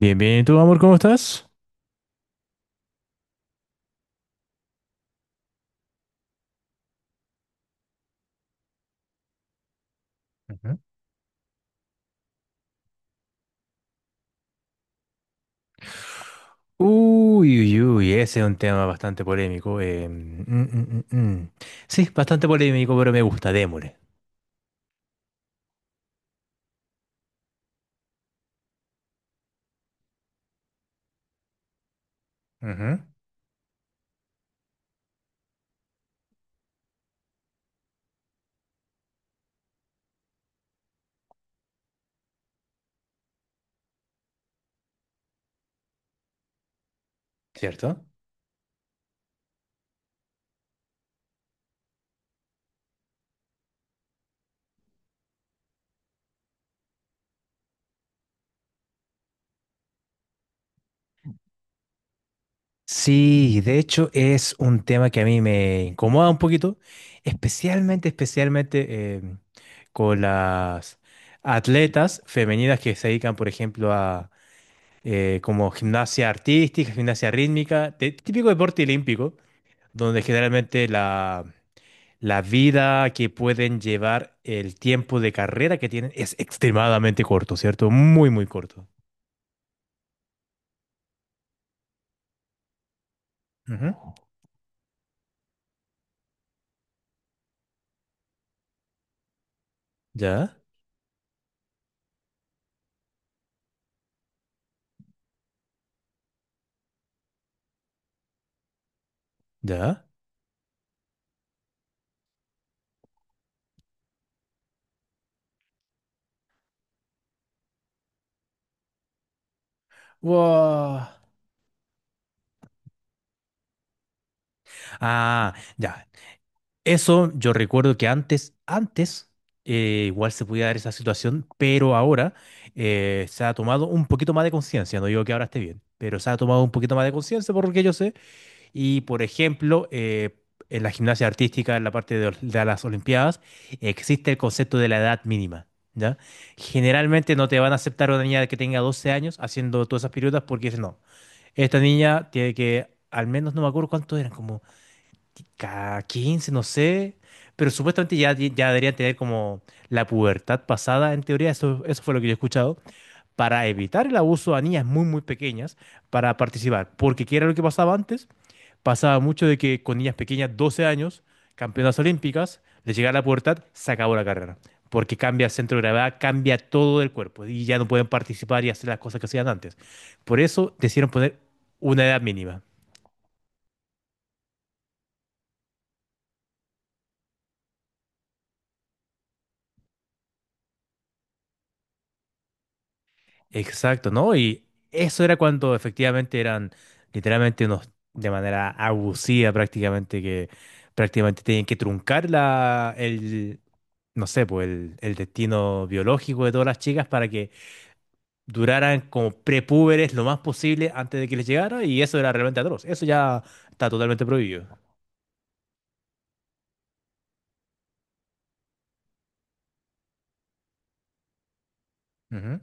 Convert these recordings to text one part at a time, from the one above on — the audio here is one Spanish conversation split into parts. Bien, bien, ¿y tú, amor, cómo estás? Ujú. Uy, uy, uy, ese es un tema bastante polémico. Mm, mm, mm, mm. Sí, bastante polémico, pero me gusta, démosle. Ujú. ¿Cierto? Sí, de hecho es un tema que a mí me incomoda un poquito, especialmente, especialmente con las atletas femeninas que se dedican, por ejemplo, a como gimnasia artística, gimnasia rítmica, típico deporte olímpico, donde generalmente la vida que pueden llevar, el tiempo de carrera que tienen es extremadamente corto, ¿cierto? Muy, muy corto. Ujú. ¿Ya? ¿Ya? Wow. Ah, ya. Eso yo recuerdo que antes, antes, igual se podía dar esa situación, pero ahora se ha tomado un poquito más de conciencia. No digo que ahora esté bien, pero se ha tomado un poquito más de conciencia por lo que yo sé. Y, por ejemplo, en la gimnasia artística, en la parte de las Olimpiadas, existe el concepto de la edad mínima. ¿Ya? Generalmente no te van a aceptar una niña que tenga 12 años haciendo todas esas piruetas porque dicen, no, esta niña tiene que, al menos no me acuerdo cuántos eran, como 15 no sé, pero supuestamente ya deberían tener como la pubertad pasada, en teoría, eso fue lo que yo he escuchado, para evitar el abuso a niñas muy, muy pequeñas para participar. Porque ¿qué era lo que pasaba antes? Pasaba mucho de que con niñas pequeñas, 12 años, campeonas olímpicas, de llegar a la pubertad, se acabó la carrera. Porque cambia el centro de gravedad, cambia todo el cuerpo y ya no pueden participar y hacer las cosas que hacían antes. Por eso decidieron poner una edad mínima. Exacto, ¿no? Y eso era cuando efectivamente eran literalmente unos, de manera abusiva prácticamente, que prácticamente tenían que truncar el, no sé, pues el destino biológico de todas las chicas para que duraran como prepúberes lo más posible antes de que les llegara y eso era realmente atroz. Eso ya está totalmente prohibido. Ujú,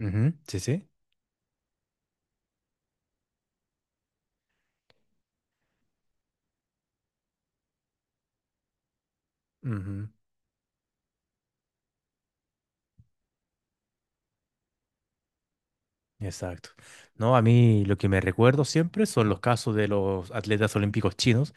ujú. Sí, sí. Ujú. Exacto. No, a mí lo que me recuerdo siempre son los casos de los atletas olímpicos chinos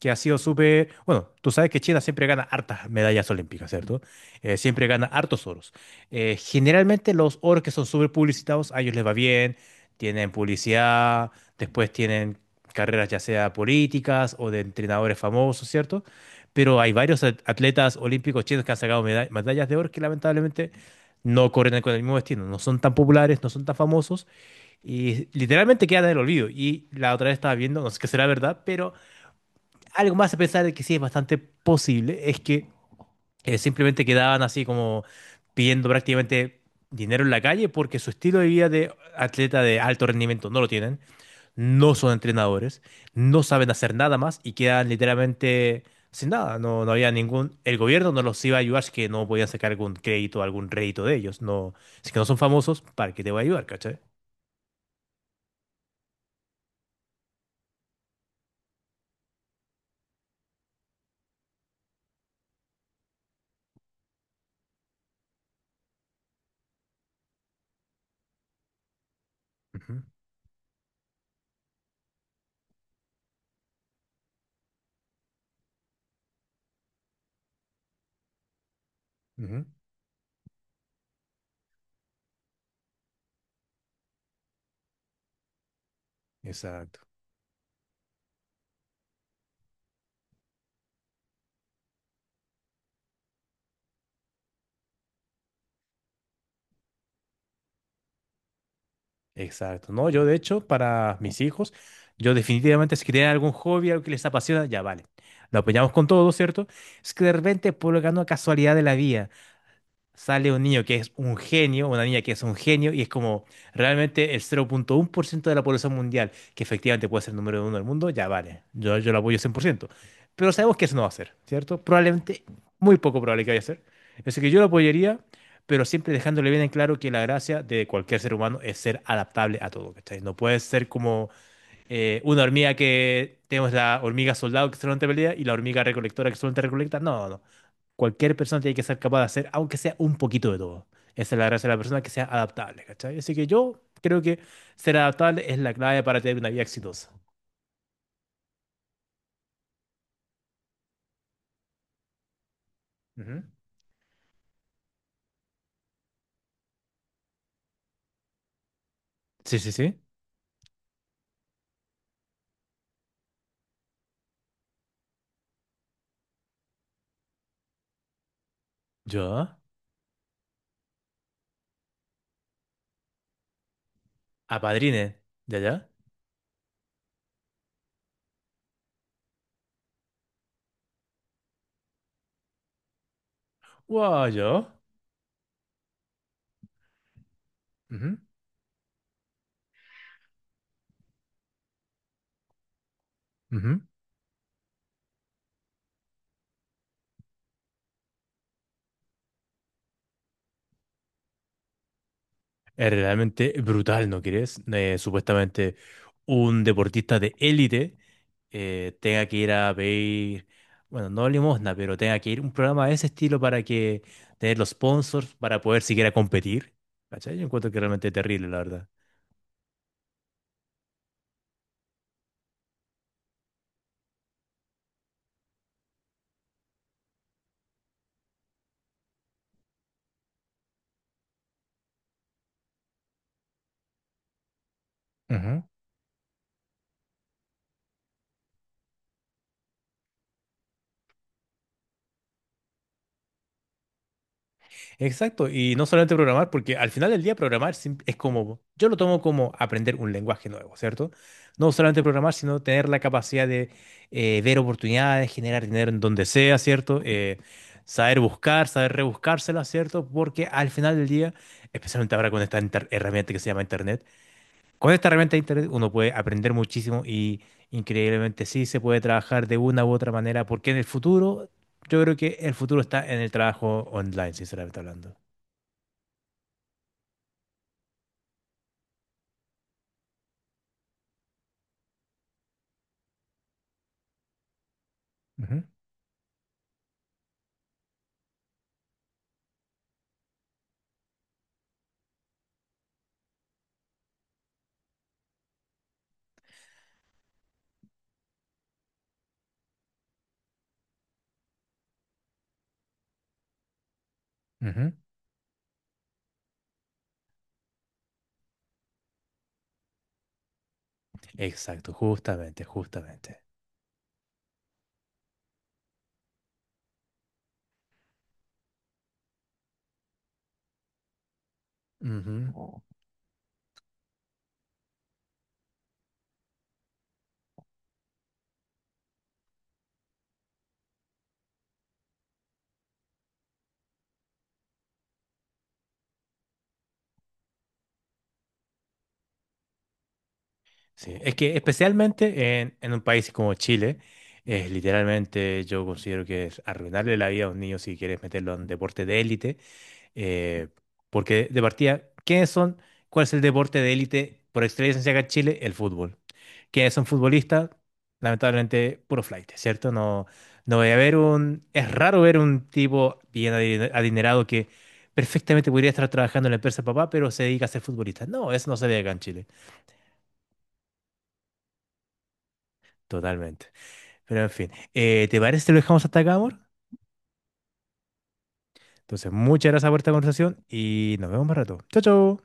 que ha sido súper... Bueno, tú sabes que China siempre gana hartas medallas olímpicas, ¿cierto? Siempre gana hartos oros. Generalmente los oros que son súper publicitados, a ellos les va bien, tienen publicidad, después tienen carreras ya sea políticas o de entrenadores famosos, ¿cierto? Pero hay varios atletas olímpicos chinos que han sacado medallas de oro que lamentablemente no corren con el mismo destino, no son tan populares, no son tan famosos y literalmente quedan en el olvido. Y la otra vez estaba viendo, no sé qué será verdad, pero algo más a pensar que sí es bastante posible es que simplemente quedaban así como pidiendo prácticamente dinero en la calle porque su estilo de vida de atleta de alto rendimiento no lo tienen, no son entrenadores, no saben hacer nada más y quedan literalmente sin nada. No, no había ningún, el gobierno no los iba a ayudar, así que no podían sacar algún crédito, algún rédito de ellos. No, si que no son famosos, ¿para qué te voy a ayudar, cachai? Ujú, ujú. Exacto. Exacto. No, yo de hecho, para mis hijos, yo definitivamente si tienen algún hobby, algo que les apasiona, ya vale. Lo apoyamos con todo, ¿cierto? Es que de repente, por la casualidad de la vida sale un niño que es un genio, una niña que es un genio, y es como realmente el 0,1% de la población mundial, que efectivamente puede ser el número uno del mundo, ya vale, yo lo apoyo 100%. Pero sabemos que eso no va a ser, ¿cierto? Probablemente, muy poco probable que vaya a ser. Así que yo lo apoyaría, pero siempre dejándole bien en claro que la gracia de cualquier ser humano es ser adaptable a todo, ¿cachai? No puedes ser como una hormiga que tenemos la hormiga soldado que solamente pelea y la hormiga recolectora que solamente recolecta. No, no, no cualquier persona tiene que ser capaz de hacer, aunque sea un poquito de todo. Esa es la gracia de la persona, que sea adaptable, ¿cachai? Así que yo creo que ser adaptable es la clave para tener una vida exitosa. Ujú. Sí, sí, sí. Yo. Apadrine. Ya, ya. Guau, yo. Ujú, ujú. Es realmente brutal, ¿no crees? Supuestamente un deportista de élite tenga que ir a pedir, bueno, no limosna, pero tenga que ir a un programa de ese estilo para que tener los sponsors para poder siquiera competir. ¿Cachai? Yo encuentro que es realmente terrible, la verdad. Exacto, y no solamente programar, porque al final del día programar es como, yo lo tomo como aprender un lenguaje nuevo, ¿cierto? No solamente programar, sino tener la capacidad de ver oportunidades, generar dinero en donde sea, ¿cierto? Saber buscar, saber rebuscársela, ¿cierto? Porque al final del día, especialmente ahora con esta herramienta que se llama Internet, con esta herramienta de Internet uno puede aprender muchísimo y increíblemente sí se puede trabajar de una u otra manera, porque en el futuro, yo creo que el futuro está en el trabajo online, sinceramente hablando. Ujú, ujú. Exacto, justamente, justamente. Ujú. Sí, es que especialmente en un país como Chile, es literalmente yo considero que es arruinarle la vida a un niño si quieres meterlo en deporte de élite eh, porque de partida, ¿quiénes son? ¿Cuál es el deporte de élite por excelencia acá en Chile? El fútbol. ¿Quiénes son futbolistas? Lamentablemente, puro flight, ¿cierto? No, no voy a ver un... Es raro ver un tipo bien adinerado que perfectamente podría estar trabajando en la empresa de papá, pero se dedica a ser futbolista. No, eso no se ve acá en Chile. Totalmente. Pero en fin, ¿te parece que lo dejamos hasta acá, amor? Entonces, muchas gracias por esta conversación y nos vemos más rato. Chao, chao.